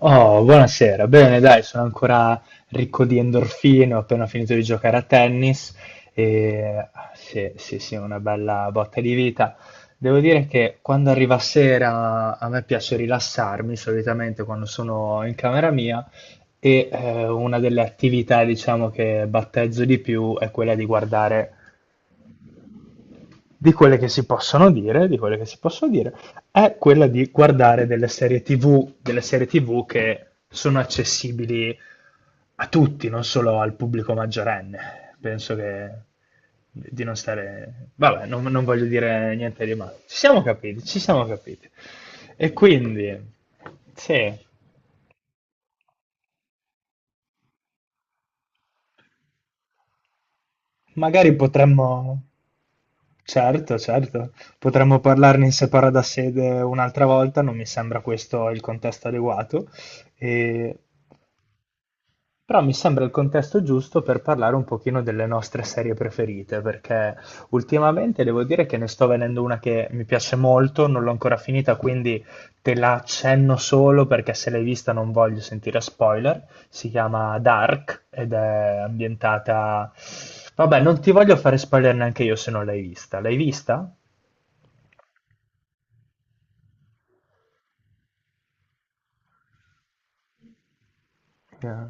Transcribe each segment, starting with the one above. Oh, buonasera. Bene, dai, sono ancora ricco di endorfine, ho appena finito di giocare a tennis e sì, sì, sì, una bella botta di vita. Devo dire che quando arriva sera a me piace rilassarmi, solitamente quando sono in camera mia, e una delle attività, diciamo, che battezzo di più è quella di guardare di quelle che si possono dire, di quelle che si possono dire, è quella di guardare delle serie TV, delle serie TV che sono accessibili a tutti, non solo al pubblico maggiorenne. Penso che di non stare. Vabbè, non voglio dire niente di male. Ci siamo capiti, ci siamo capiti. E quindi, sì, magari potremmo, certo, certo, potremmo parlarne in separata sede un'altra volta, non mi sembra questo il contesto adeguato. E però mi sembra il contesto giusto per parlare un pochino delle nostre serie preferite, perché ultimamente devo dire che ne sto vedendo una che mi piace molto, non l'ho ancora finita, quindi te la accenno solo perché se l'hai vista non voglio sentire spoiler. Si chiama Dark ed è ambientata. Vabbè, non ti voglio fare spoiler neanche io se non l'hai vista. L'hai vista? Eh,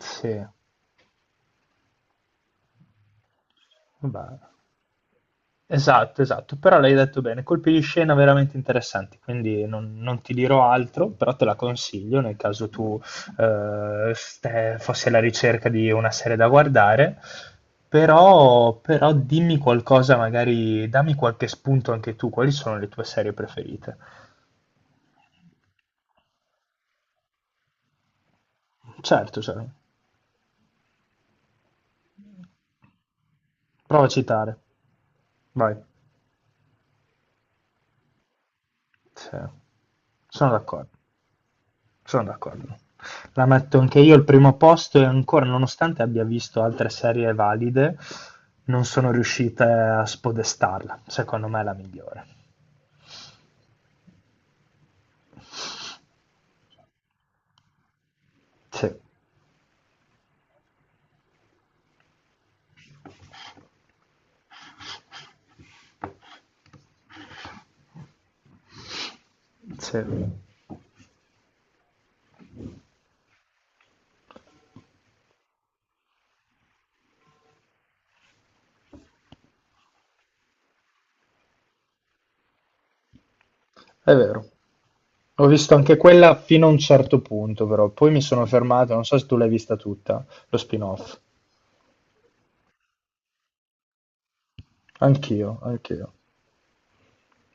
Sì, vabbè. Esatto, esatto, però l'hai detto bene, colpi di scena veramente interessanti, quindi non ti dirò altro, però te la consiglio nel caso tu fossi alla ricerca di una serie da guardare, però dimmi qualcosa, magari dammi qualche spunto anche tu, quali sono le tue serie preferite? Certo, cioè, prova a citare, vai, sì, sono d'accordo. Sono d'accordo. La metto anche io al primo posto e ancora, nonostante abbia visto altre serie valide, non sono riuscite a spodestarla. Secondo me è la migliore. Sì. Sì, è vero. Ho visto anche quella fino a un certo punto, però poi mi sono fermato, non so se tu l'hai vista tutta, lo spin-off. Anch'io, anch'io.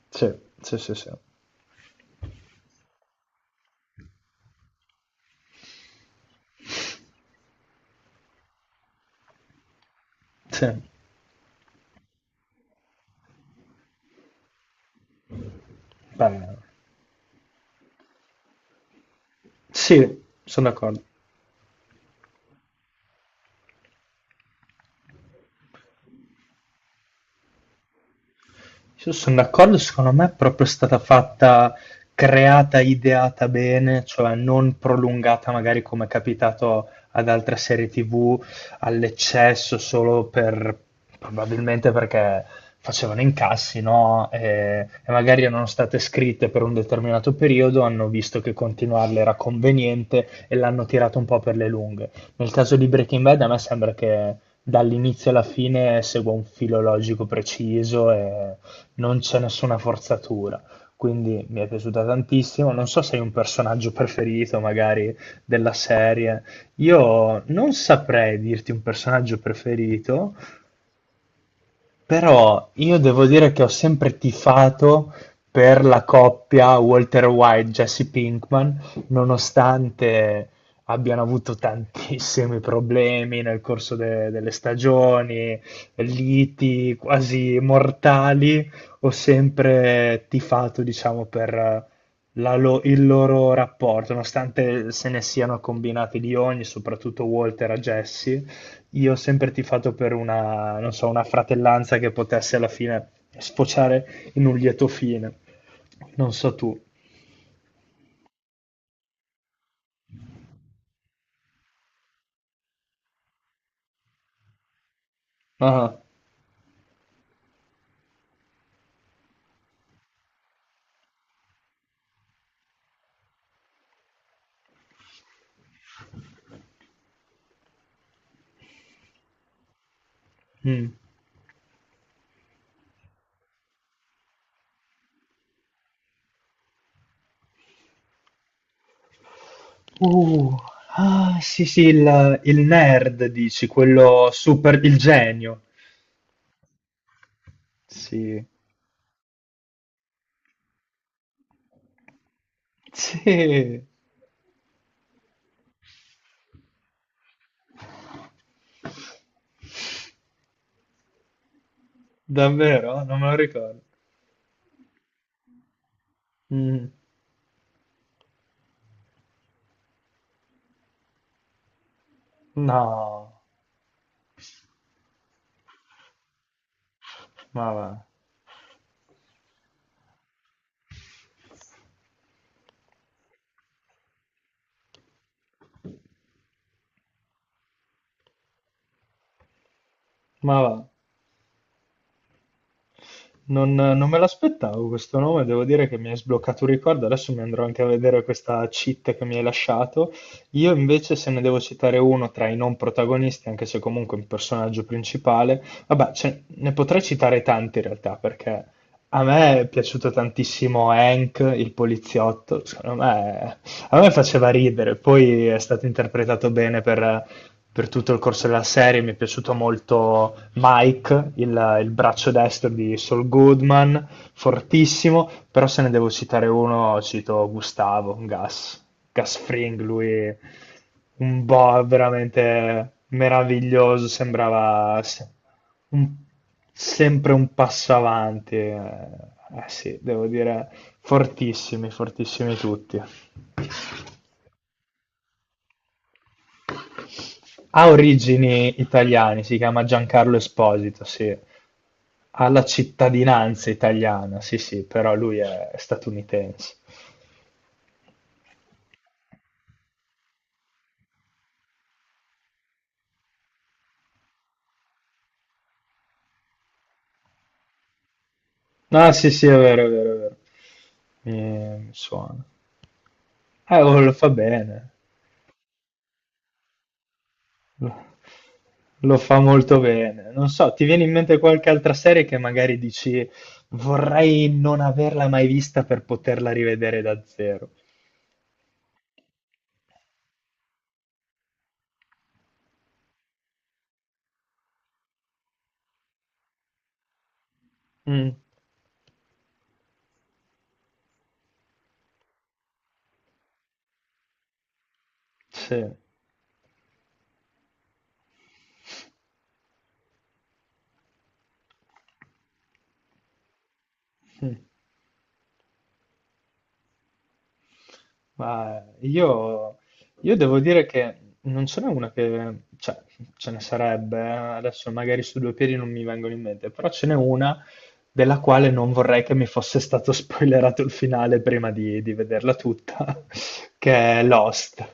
Sì, sì, sì, sì. Sì, beh, sì, sono d'accordo. Io sono d'accordo, secondo me è proprio stata fatta, creata, ideata bene, cioè non prolungata magari come è capitato ad altre serie TV all'eccesso solo per probabilmente perché facevano incassi, no? E magari erano state scritte per un determinato periodo, hanno visto che continuarle era conveniente e l'hanno tirato un po' per le lunghe. Nel caso di Breaking Bad a me sembra che dall'inizio alla fine segua un filo logico preciso e non c'è nessuna forzatura. Quindi mi è piaciuta tantissimo. Non so se hai un personaggio preferito, magari della serie. Io non saprei dirti un personaggio preferito, però io devo dire che ho sempre tifato per la coppia Walter White-Jesse Pinkman, nonostante abbiano avuto tantissimi problemi nel corso delle stagioni, liti quasi mortali, ho sempre tifato, diciamo, per il loro rapporto, nonostante se ne siano combinati di ogni, soprattutto Walter a Jesse, io ho sempre tifato per una, non so, una fratellanza che potesse alla fine sfociare in un lieto fine. Non so tu. Ah, mm. Uh, ah, sì, sì, il nerd, dici, quello super, il genio. Sì. Sì, davvero? Non me lo ricordo. Mm, no, ma va. Ma va. Non me l'aspettavo questo nome, devo dire che mi hai sbloccato un ricordo, adesso mi andrò anche a vedere questa cheat che mi hai lasciato. Io invece se ne devo citare uno tra i non protagonisti, anche se comunque un personaggio principale, vabbè, ne potrei citare tanti in realtà, perché a me è piaciuto tantissimo Hank, il poliziotto, secondo me, a me faceva ridere, poi è stato interpretato bene per tutto il corso della serie. Mi è piaciuto molto Mike, il braccio destro di Saul Goodman, fortissimo, però se ne devo citare uno, cito Gustavo, Gas, Gas Fring, lui un boh veramente meraviglioso, sembrava se- un- sempre un passo avanti. Eh sì, devo dire, fortissimi, fortissimi tutti. Ha origini italiane, si chiama Giancarlo Esposito, sì. Ha la cittadinanza italiana, sì, sì, però lui è statunitense. No, sì, sì, è vero, è vero, è vero. Mi suona. Oh, lo fa bene. Lo lo fa molto bene. Non so, ti viene in mente qualche altra serie che magari dici vorrei non averla mai vista per poterla rivedere da zero? Mm, sì. Mm. Ma io, io devo dire che non ce n'è una che, cioè, ce ne sarebbe, adesso magari su due piedi non mi vengono in mente, però ce n'è una della quale non vorrei che mi fosse stato spoilerato il finale prima di vederla tutta, che è Lost.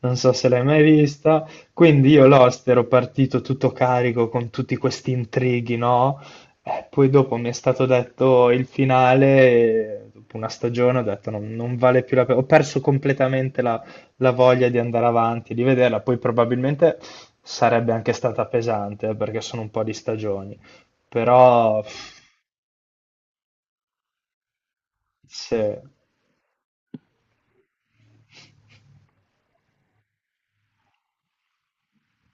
Non so se l'hai mai vista. Quindi io Lost ero partito tutto carico con tutti questi intrighi, no? Poi dopo mi è stato detto il finale, e dopo una stagione ho detto non vale più la pena, ho perso completamente la voglia di andare avanti, di vederla, poi probabilmente sarebbe anche stata pesante perché sono un po' di stagioni, però se,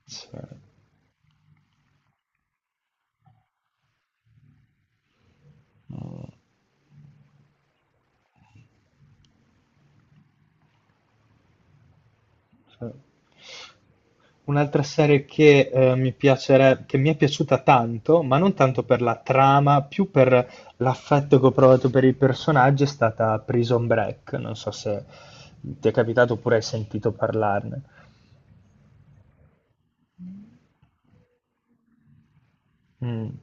se- mm. Cioè, un'altra serie che, che mi è piaciuta tanto, ma non tanto per la trama, più per l'affetto che ho provato per i personaggi, è stata Prison Break. Non so se ti è capitato oppure hai sentito parlarne. Mm.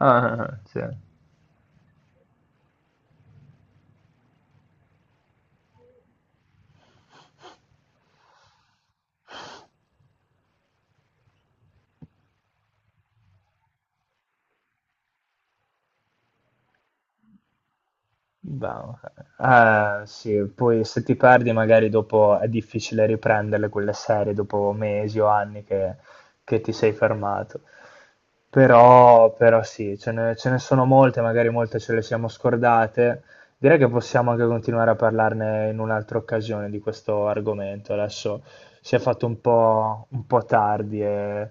Ah, ah, ah, sì. Bah, ah, sì, poi se ti perdi magari dopo è difficile riprenderle quelle serie dopo mesi o anni che ti sei fermato. Però sì, ce ne sono molte, magari molte ce le siamo scordate. Direi che possiamo anche continuare a parlarne in un'altra occasione di questo argomento. Adesso si è fatto un po' tardi e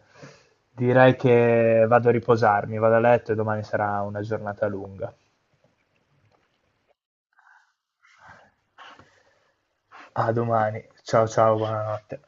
direi che vado a riposarmi, vado a letto e domani sarà una giornata lunga. A domani. Ciao ciao, buonanotte.